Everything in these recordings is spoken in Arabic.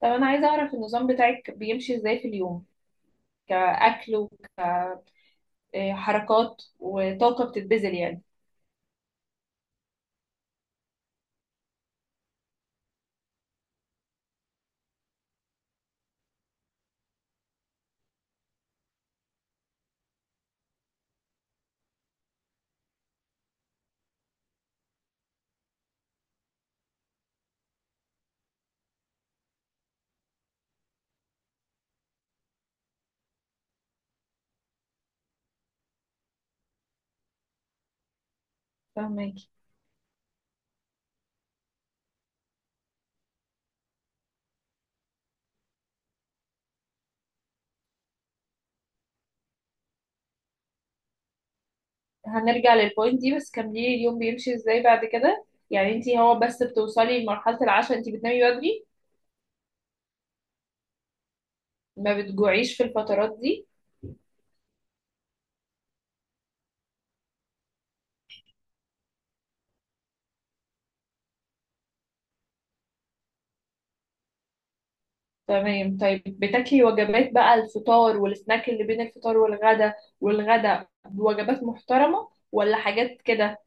طب انا عايزه اعرف النظام بتاعك بيمشي ازاي في اليوم كاكل، وحركات وطاقه بتتبذل يعني. فاهمك. هنرجع للبوينت دي، بس كملي اليوم بيمشي ازاي بعد كده. يعني انتي هو بس بتوصلي لمرحله العشاء، انتي بتنامي بدري؟ ما بتجوعيش في الفترات دي؟ تمام، طيب بتاكلي وجبات بقى؟ الفطار والسناك اللي بين الفطار والغدا والغدا بوجبات محترمة ولا حاجات كده؟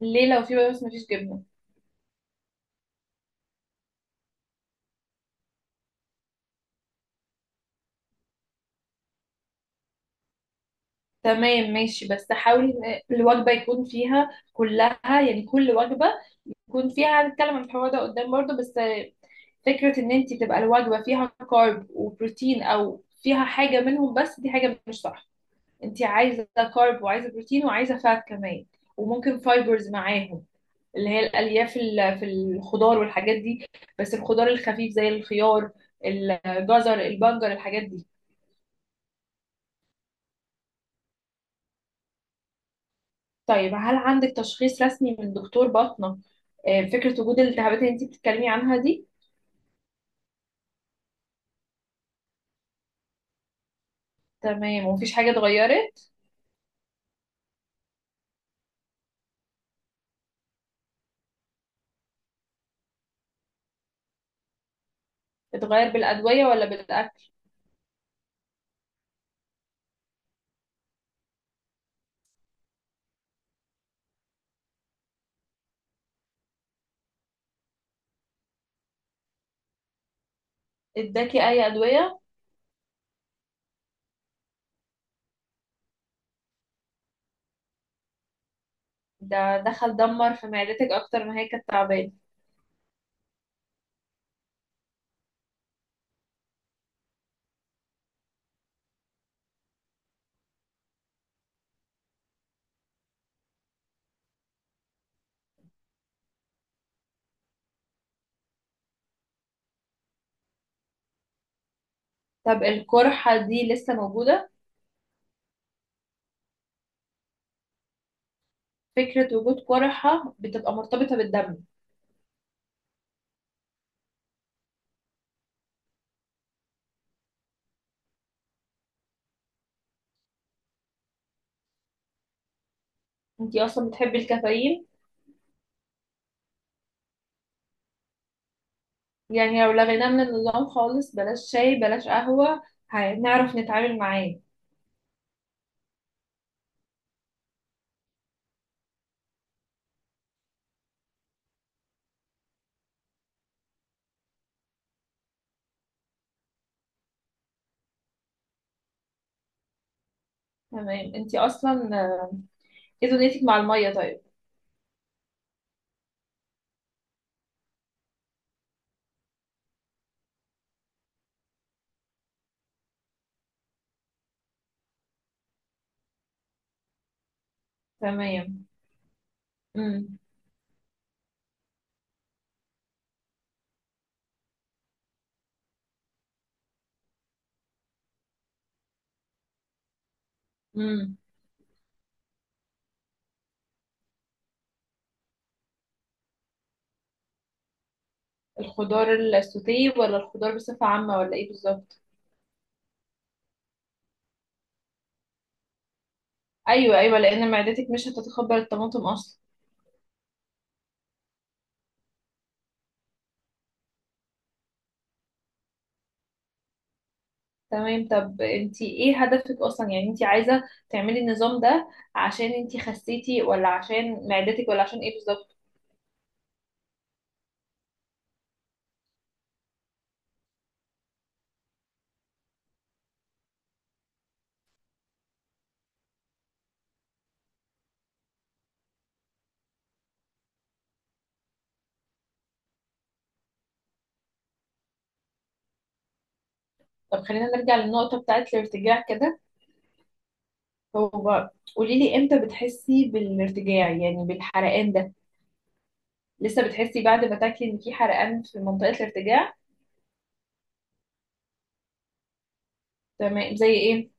ليه لو في بس مفيش جبنة؟ تمام ماشي، بس حاولي ان الوجبة يكون فيها كلها، يعني كل وجبة يكون فيها، هنتكلم عن الحوار ده قدام برضو، بس فكرة ان انت تبقى الوجبة فيها كارب وبروتين او فيها حاجة منهم بس، دي حاجة مش صح. انت عايزة كارب وعايزة بروتين وعايزة فات كمان، وممكن فايبرز معاهم. اللي هي الألياف في الخضار والحاجات دي. بس الخضار الخفيف زي الخيار، الجزر، البنجر، الحاجات دي. طيب، هل عندك تشخيص رسمي من دكتور باطنة؟ فكرة وجود الالتهابات اللي انتي بتتكلمي عنها دي؟ تمام، ومفيش حاجة اتغيرت؟ اتغير بالأدوية ولا بالأكل؟ اداكي أي أدوية؟ ده دخل دمر في معدتك أكتر ما هي كانت تعبانة. طب القرحة دي لسه موجودة؟ فكرة وجود قرحة بتبقى مرتبطة بالدم. انتي أصلا بتحبي الكافيين؟ يعني لو لغيناه من النظام خالص، بلاش شاي بلاش قهوة، هنعرف نتعامل معاه؟ تمام، انتي اصلا ايه دنيتك مع المية طيب؟ تمام. امم. امم. الخضار السوتيه ولا الخضار بصفة عامة ولا ايه بالظبط؟ ايوه، ايوه، لان معدتك مش هتتقبل الطماطم اصلا. تمام، طب انتي ايه هدفك اصلا؟ يعني انتي عايزة تعملي النظام ده عشان انتي خسيتي، ولا عشان معدتك، ولا عشان ايه بالظبط؟ طب خلينا نرجع للنقطة بتاعت الارتجاع كده. هو قولي لي امتى بتحسي بالارتجاع يعني بالحرقان ده؟ لسه بتحسي بعد ما تاكلي ان في حرقان في منطقة الارتجاع؟ تمام، زي ايه؟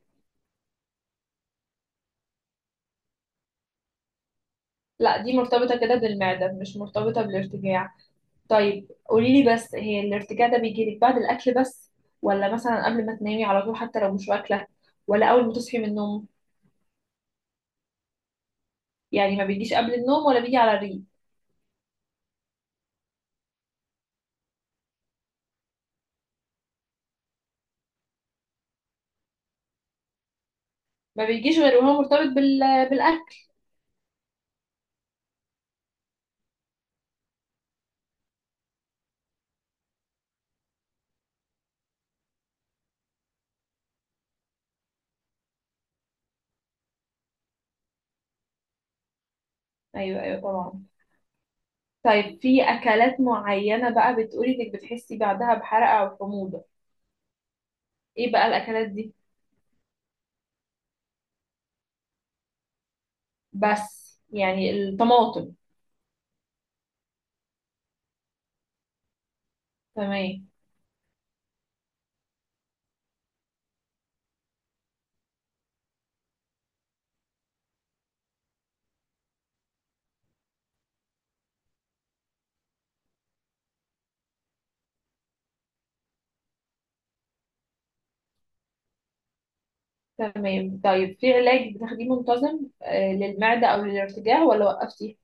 لا دي مرتبطة كده بالمعدة، مش مرتبطة بالارتجاع. طيب قولي لي بس، هي الارتجاع ده بيجي لك بعد الاكل بس، ولا مثلا قبل ما تنامي على طول حتى لو مش واكلة؟ ولا اول ما تصحي من النوم؟ يعني ما بيجيش قبل النوم ولا بيجي على الريق؟ ما بيجيش غير وهو مرتبط بالاكل. ايوه، ايوه، طبعا. طيب في أكلات معينة بقى بتقولي إنك بتحسي بعدها بحرقة أو حموضة؟ إيه بقى الأكلات دي؟ بس يعني الطماطم؟ تمام. تمام، طيب في علاج بتاخديه منتظم للمعدة أو للارتجاع، ولا وقفتي؟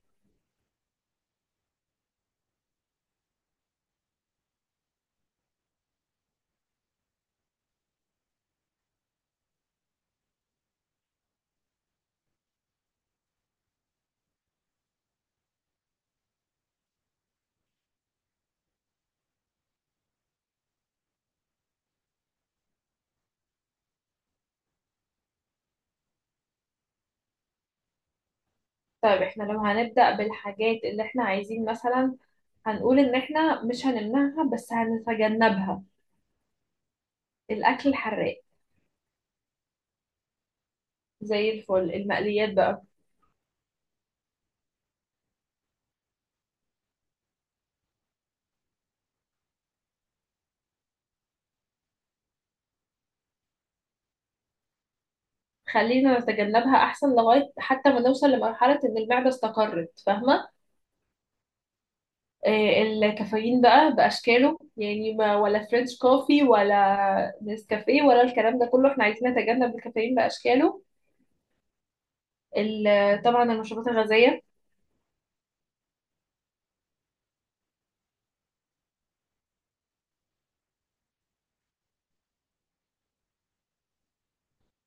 طيب احنا لو هنبدأ بالحاجات اللي احنا عايزين، مثلا هنقول إن احنا مش هنمنعها بس هنتجنبها. الأكل الحراق. زي الفل، المقليات بقى. خلينا نتجنبها أحسن لغاية حتى ما نوصل لمرحلة إن المعدة استقرت، فاهمة؟ الكافيين بقى بأشكاله، يعني ما ولا فرنش كوفي ولا نسكافيه ولا الكلام ده كله، احنا عايزين نتجنب الكافيين بأشكاله. طبعا المشروبات الغازية.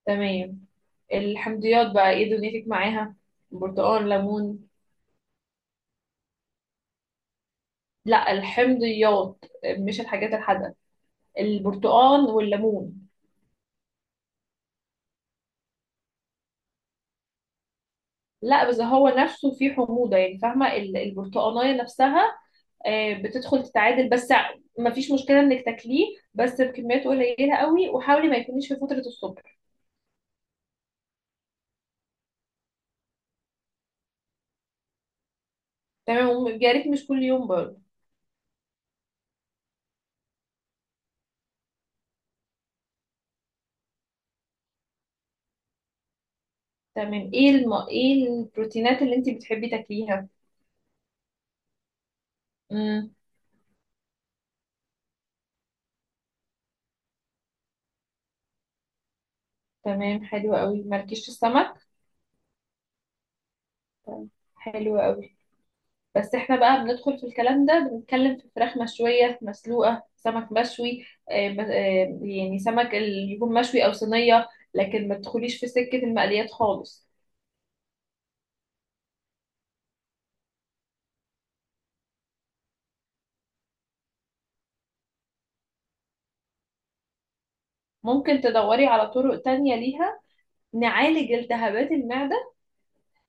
تمام. الحمضيات بقى ايه دنيتك معاها؟ برتقال، ليمون. لا الحمضيات، مش الحاجات الحادقة، البرتقال والليمون. لا بس هو نفسه فيه حموضة يعني، فاهمة؟ البرتقانية نفسها. بتدخل تتعادل بس. ما فيش مشكلة انك تاكليه، بس بكميات قليلة قوي، وحاولي ما يكونيش في فترة الصبح. تمام، ويا ريت مش كل يوم برضه. تمام، ايه ايه البروتينات اللي انت بتحبي تاكليها؟ امم. تمام، حلو قوي. مالكيش في السمك؟ طيب، حلو قوي. بس احنا بقى بندخل في الكلام ده، بنتكلم في فراخ مشوية مسلوقة، سمك مشوي، يعني سمك اللي يكون مشوي او صينية، لكن ما تدخليش في سكة المقليات خالص. ممكن تدوري على طرق تانية ليها، نعالج التهابات المعدة.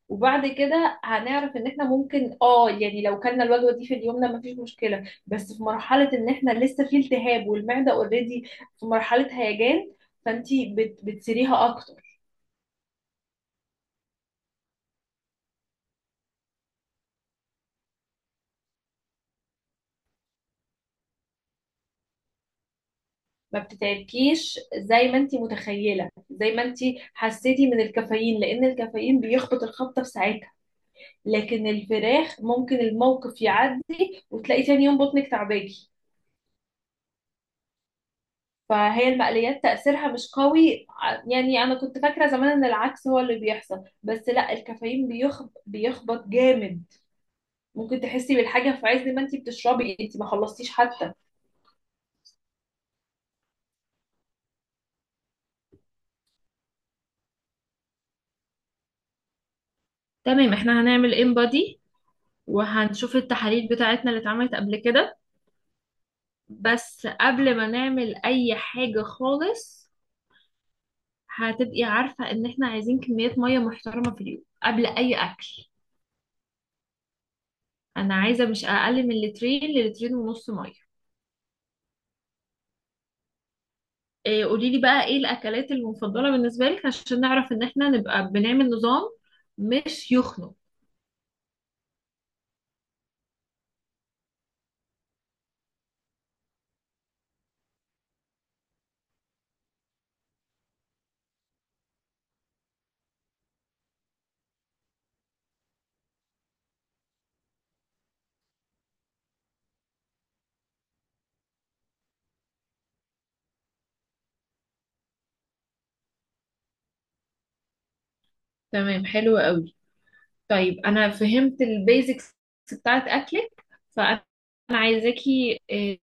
وبعد كده هنعرف ان احنا ممكن يعني لو كلنا الوجبة دي في اليوم ده مفيش مشكلة، بس في مرحلة ان احنا لسه في التهاب والمعدة اوريدي في مرحلة هيجان، فانتي بتسيريها اكتر. ما بتتعبكيش زي ما انتي متخيلة، زي ما انتي حسيتي من الكافيين، لان الكافيين بيخبط الخبطة في ساعتها. لكن الفراخ ممكن الموقف يعدي، وتلاقي تاني يوم بطنك تعباكي. فهي المقليات تأثيرها مش قوي يعني أنا كنت فاكرة زمان إن العكس هو اللي بيحصل، بس لا الكافيين بيخبط جامد. ممكن تحسي بالحاجة في عز ما انتي بتشربي، انتي ما خلصتيش حتى. تمام، احنا هنعمل انبادي، وهنشوف التحاليل بتاعتنا اللي اتعملت قبل كده. بس قبل ما نعمل اي حاجة خالص، هتبقي عارفة ان احنا عايزين كميات مية محترمة في اليوم قبل اي اكل. انا عايزة مش اقل من لترين للترين ونص مية. قولي لي بقى ايه الاكلات المفضله بالنسبه لك عشان نعرف ان احنا نبقى بنعمل نظام مش يخنق. تمام، حلو قوي. طيب انا فهمت البيزكس بتاعت اكلك، فانا عايزاكي،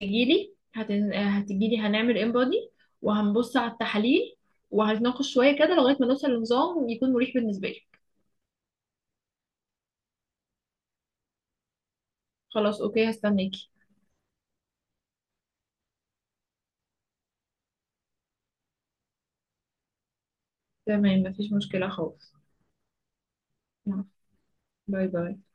تجيلي، هتن... آه، هتجيلي، هنعمل انبادي. وهنبص على التحاليل، وهنتناقش شويه كده لغايه ما نوصل لنظام يكون مريح بالنسبه لي. خلاص، اوكي، هستناكي. تمام، مفيش مشكله خالص. يلا، باي باي.